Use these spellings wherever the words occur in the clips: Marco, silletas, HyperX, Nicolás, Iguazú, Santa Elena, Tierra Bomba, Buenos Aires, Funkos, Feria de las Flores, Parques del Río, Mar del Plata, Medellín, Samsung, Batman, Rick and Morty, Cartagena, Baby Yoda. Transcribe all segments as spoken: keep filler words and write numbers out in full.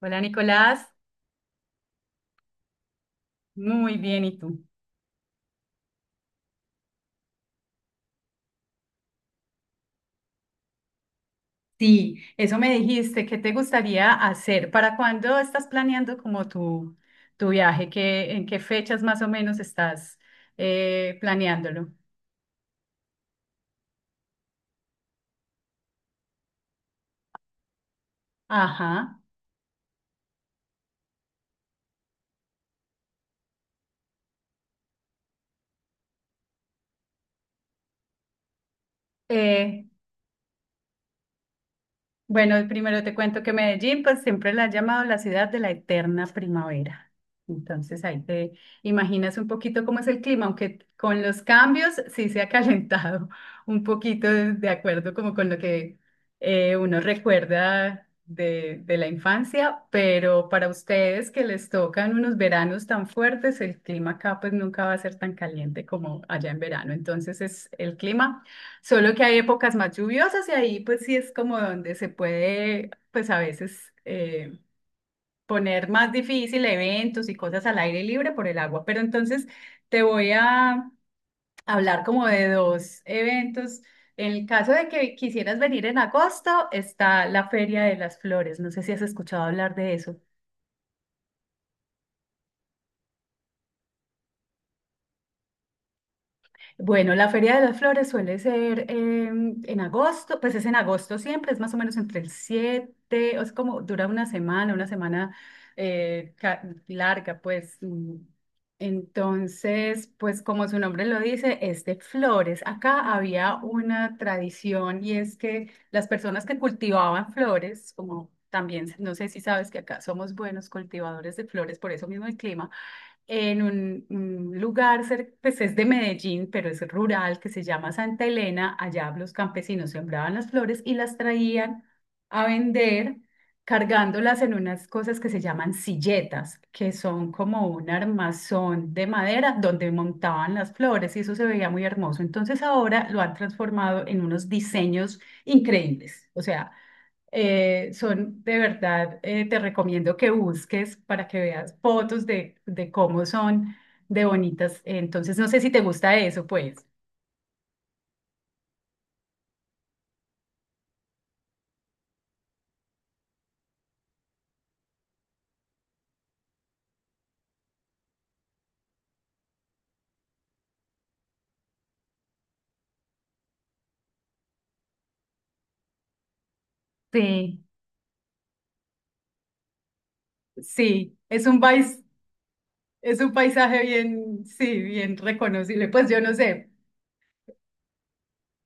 Hola Nicolás, muy bien, ¿y tú? Sí, eso me dijiste, ¿qué te gustaría hacer? ¿Para cuándo estás planeando como tu, tu viaje? ¿Qué, en qué fechas más o menos estás eh, planeándolo? Ajá. Eh, Bueno, primero te cuento que Medellín, pues siempre la han llamado la ciudad de la eterna primavera. Entonces ahí te imaginas un poquito cómo es el clima, aunque con los cambios sí se ha calentado un poquito de de acuerdo como con lo que eh, uno recuerda de, de la infancia, pero para ustedes que les tocan unos veranos tan fuertes, el clima acá pues nunca va a ser tan caliente como allá en verano. Entonces es el clima. Solo que hay épocas más lluviosas y ahí pues sí es como donde se puede pues a veces eh, poner más difícil eventos y cosas al aire libre por el agua. Pero entonces te voy a hablar como de dos eventos. En el caso de que quisieras venir en agosto, está la Feria de las Flores. No sé si has escuchado hablar de eso. Bueno, la Feria de las Flores suele ser em, en agosto, pues es en agosto siempre, es más o menos entre el siete, o es como dura una semana, una semana eh, ca- larga, pues. Mm. Entonces, pues como su nombre lo dice, es de flores. Acá había una tradición y es que las personas que cultivaban flores, como también, no sé si sabes que acá somos buenos cultivadores de flores, por eso mismo el clima en un, un lugar, cer- pues es de Medellín, pero es rural, que se llama Santa Elena. Allá los campesinos sembraban las flores y las traían a vender, cargándolas en unas cosas que se llaman silletas, que son como un armazón de madera donde montaban las flores y eso se veía muy hermoso. Entonces ahora lo han transformado en unos diseños increíbles. O sea, eh, son de verdad, eh, te recomiendo que busques para que veas fotos de, de cómo son de bonitas. Entonces, no sé si te gusta eso, pues. Sí. Sí, es un pais, es un paisaje bien, sí, bien reconocible. Pues yo no sé.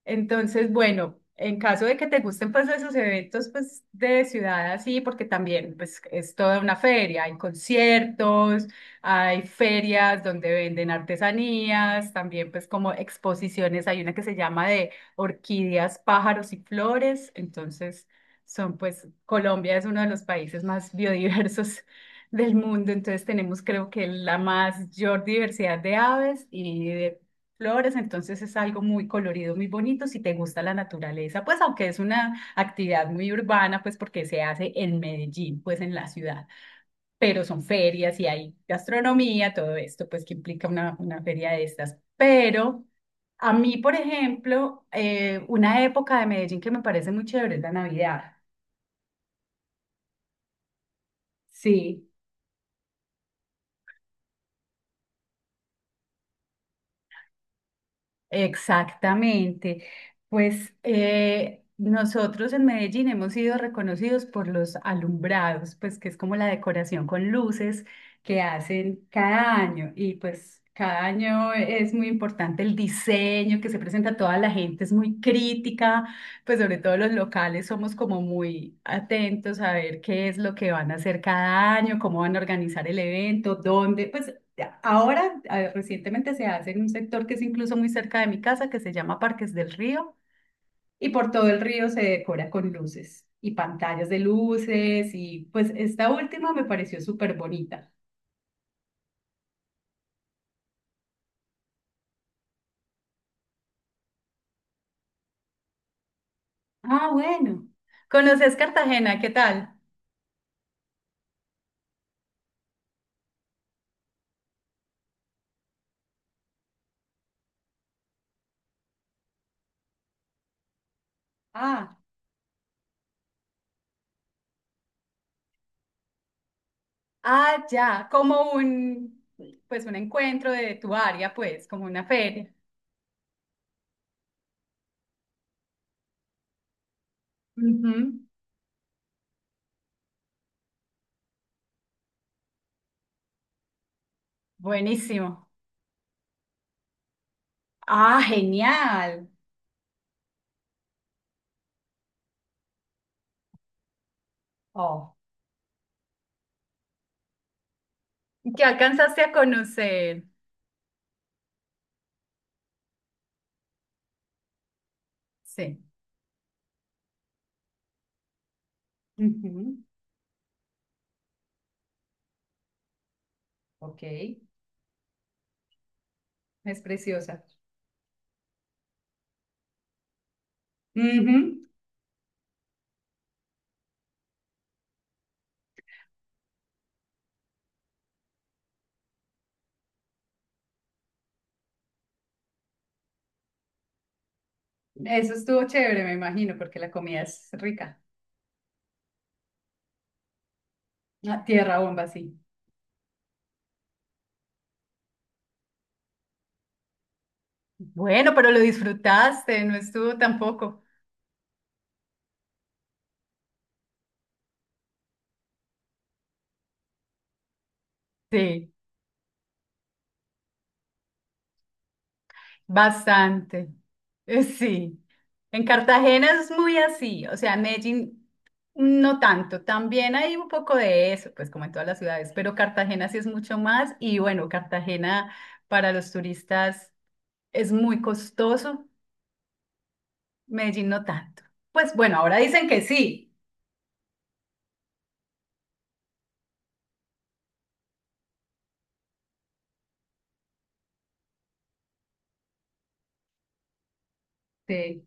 Entonces, bueno, en caso de que te gusten pues esos eventos pues de ciudad así, porque también pues es toda una feria, hay conciertos, hay ferias donde venden artesanías, también pues como exposiciones, hay una que se llama de orquídeas, pájaros y flores, entonces son pues Colombia es uno de los países más biodiversos del mundo, entonces tenemos creo que la más mayor diversidad de aves y de flores, entonces es algo muy colorido, muy bonito si te gusta la naturaleza, pues aunque es una actividad muy urbana, pues porque se hace en Medellín, pues en la ciudad, pero son ferias y hay gastronomía, todo esto, pues que implica una, una feria de estas. Pero a mí, por ejemplo, eh, una época de Medellín que me parece muy chévere es la Navidad. Sí. Exactamente. Pues eh, nosotros en Medellín hemos sido reconocidos por los alumbrados, pues que es como la decoración con luces que hacen cada año. Y pues cada año es muy importante el diseño que se presenta a toda la gente, es muy crítica, pues sobre todo los locales somos como muy atentos a ver qué es lo que van a hacer cada año, cómo van a organizar el evento, dónde, pues. Ahora, eh, recientemente se hace en un sector que es incluso muy cerca de mi casa, que se llama Parques del Río, y por todo el río se decora con luces y pantallas de luces, y pues esta última me pareció súper bonita. Ah, bueno. ¿Conoces Cartagena? ¿Qué tal? Ah, ah, ya, como un, pues un encuentro de tu área, pues, como una feria. Ujú. Buenísimo. Ah, genial. Oh. ¿Qué alcanzaste a conocer? Sí. Ujú. Ok, es preciosa. Ujú. Eso estuvo chévere, me imagino, porque la comida es rica. Ah, tierra bomba, sí. Bueno, pero lo disfrutaste, no estuvo tampoco. Sí, bastante. Eh, Sí. En Cartagena es muy así, o sea, Medellín no tanto, también hay un poco de eso, pues como en todas las ciudades, pero Cartagena sí es mucho más y bueno, Cartagena para los turistas es muy costoso, Medellín no tanto. Pues bueno, ahora dicen que sí. Sí.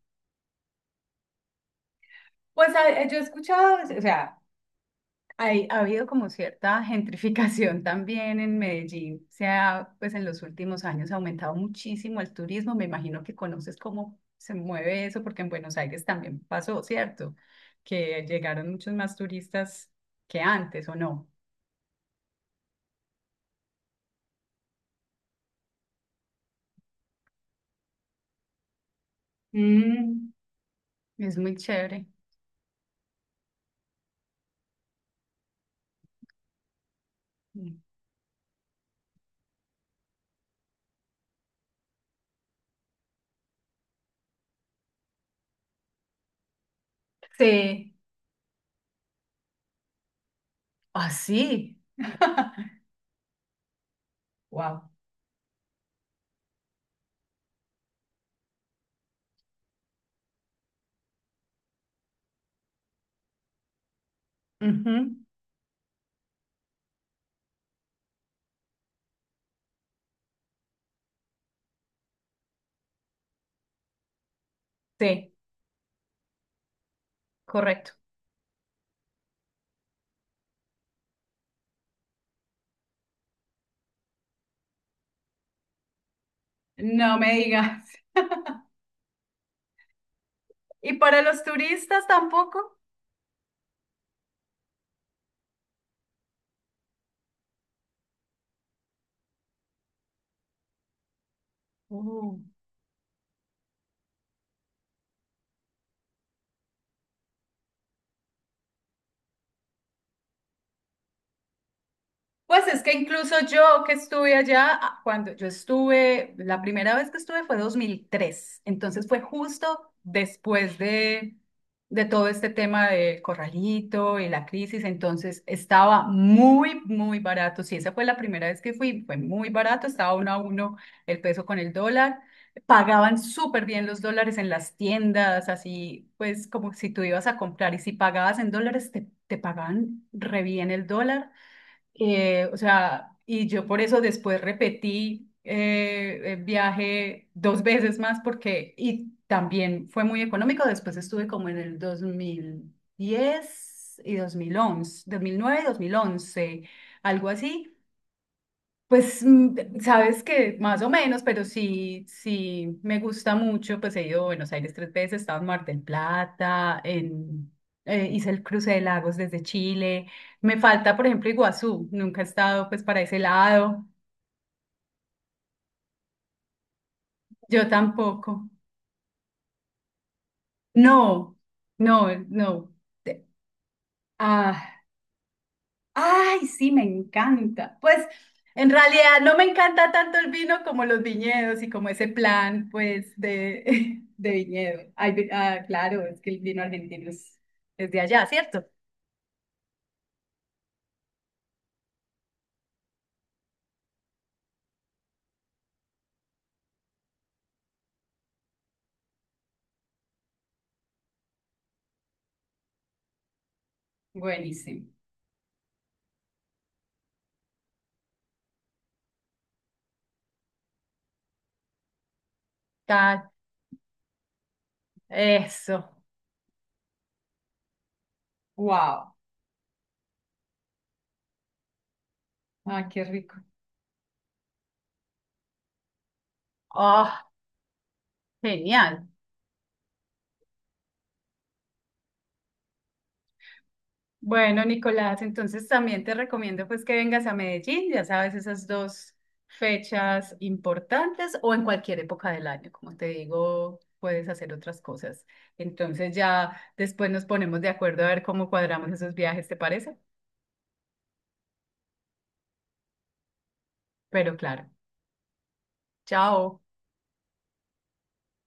Pues a- yo he escuchado, o sea, hay, ha habido como cierta gentrificación también en Medellín. O sea, pues en los últimos años ha aumentado muchísimo el turismo. Me imagino que conoces cómo se mueve eso, porque en Buenos Aires también pasó, ¿cierto? Que llegaron muchos más turistas que antes, ¿o no? Mm, es muy chévere. Mm. Sí. Así. Wow. Ujú. Sí, correcto. No me digas. ¿Y para los turistas tampoco? Oh. Pues es que incluso yo que estuve allá, ah, cuando yo estuve, la primera vez que estuve fue dos mil tres entonces fue justo después de, de, todo este tema del corralito y la crisis, entonces estaba muy, muy barato. Sí, esa fue la primera vez que fui, fue muy barato, estaba uno a uno el peso con el dólar. Pagaban súper bien los dólares en las tiendas, así pues como si tú ibas a comprar y si pagabas en dólares, te, te pagaban re bien el dólar. Eh, o sea, y yo por eso después repetí eh, el viaje dos veces más porque, y también fue muy económico, después estuve como en el dos mil diez y dos mil once, dos mil nueve y dos mil once, algo así, pues mm, sabes que más o menos, pero sí, sí me gusta mucho. Pues he ido a Buenos Aires tres veces, he estado en Mar del Plata, en, eh, hice el cruce de lagos desde Chile. Me falta, por ejemplo, Iguazú. Nunca he estado pues para ese lado. Yo tampoco. No, no, no. Te- Ah, Ay, sí, me encanta. Pues en realidad no me encanta tanto el vino como los viñedos y como ese plan, pues, de, de viñedo. Ay, vi- ah, claro, es que el vino argentino es, es de allá, ¿cierto? Buenísimo. Tal, eso. Wow. Ah, qué rico. Oh, genial. Bueno, Nicolás, entonces también te recomiendo pues que vengas a Medellín, ya sabes, esas dos fechas importantes o en cualquier época del año, como te digo, puedes hacer otras cosas. Entonces ya después nos ponemos de acuerdo a ver cómo cuadramos esos viajes, ¿te parece? Pero claro, chao.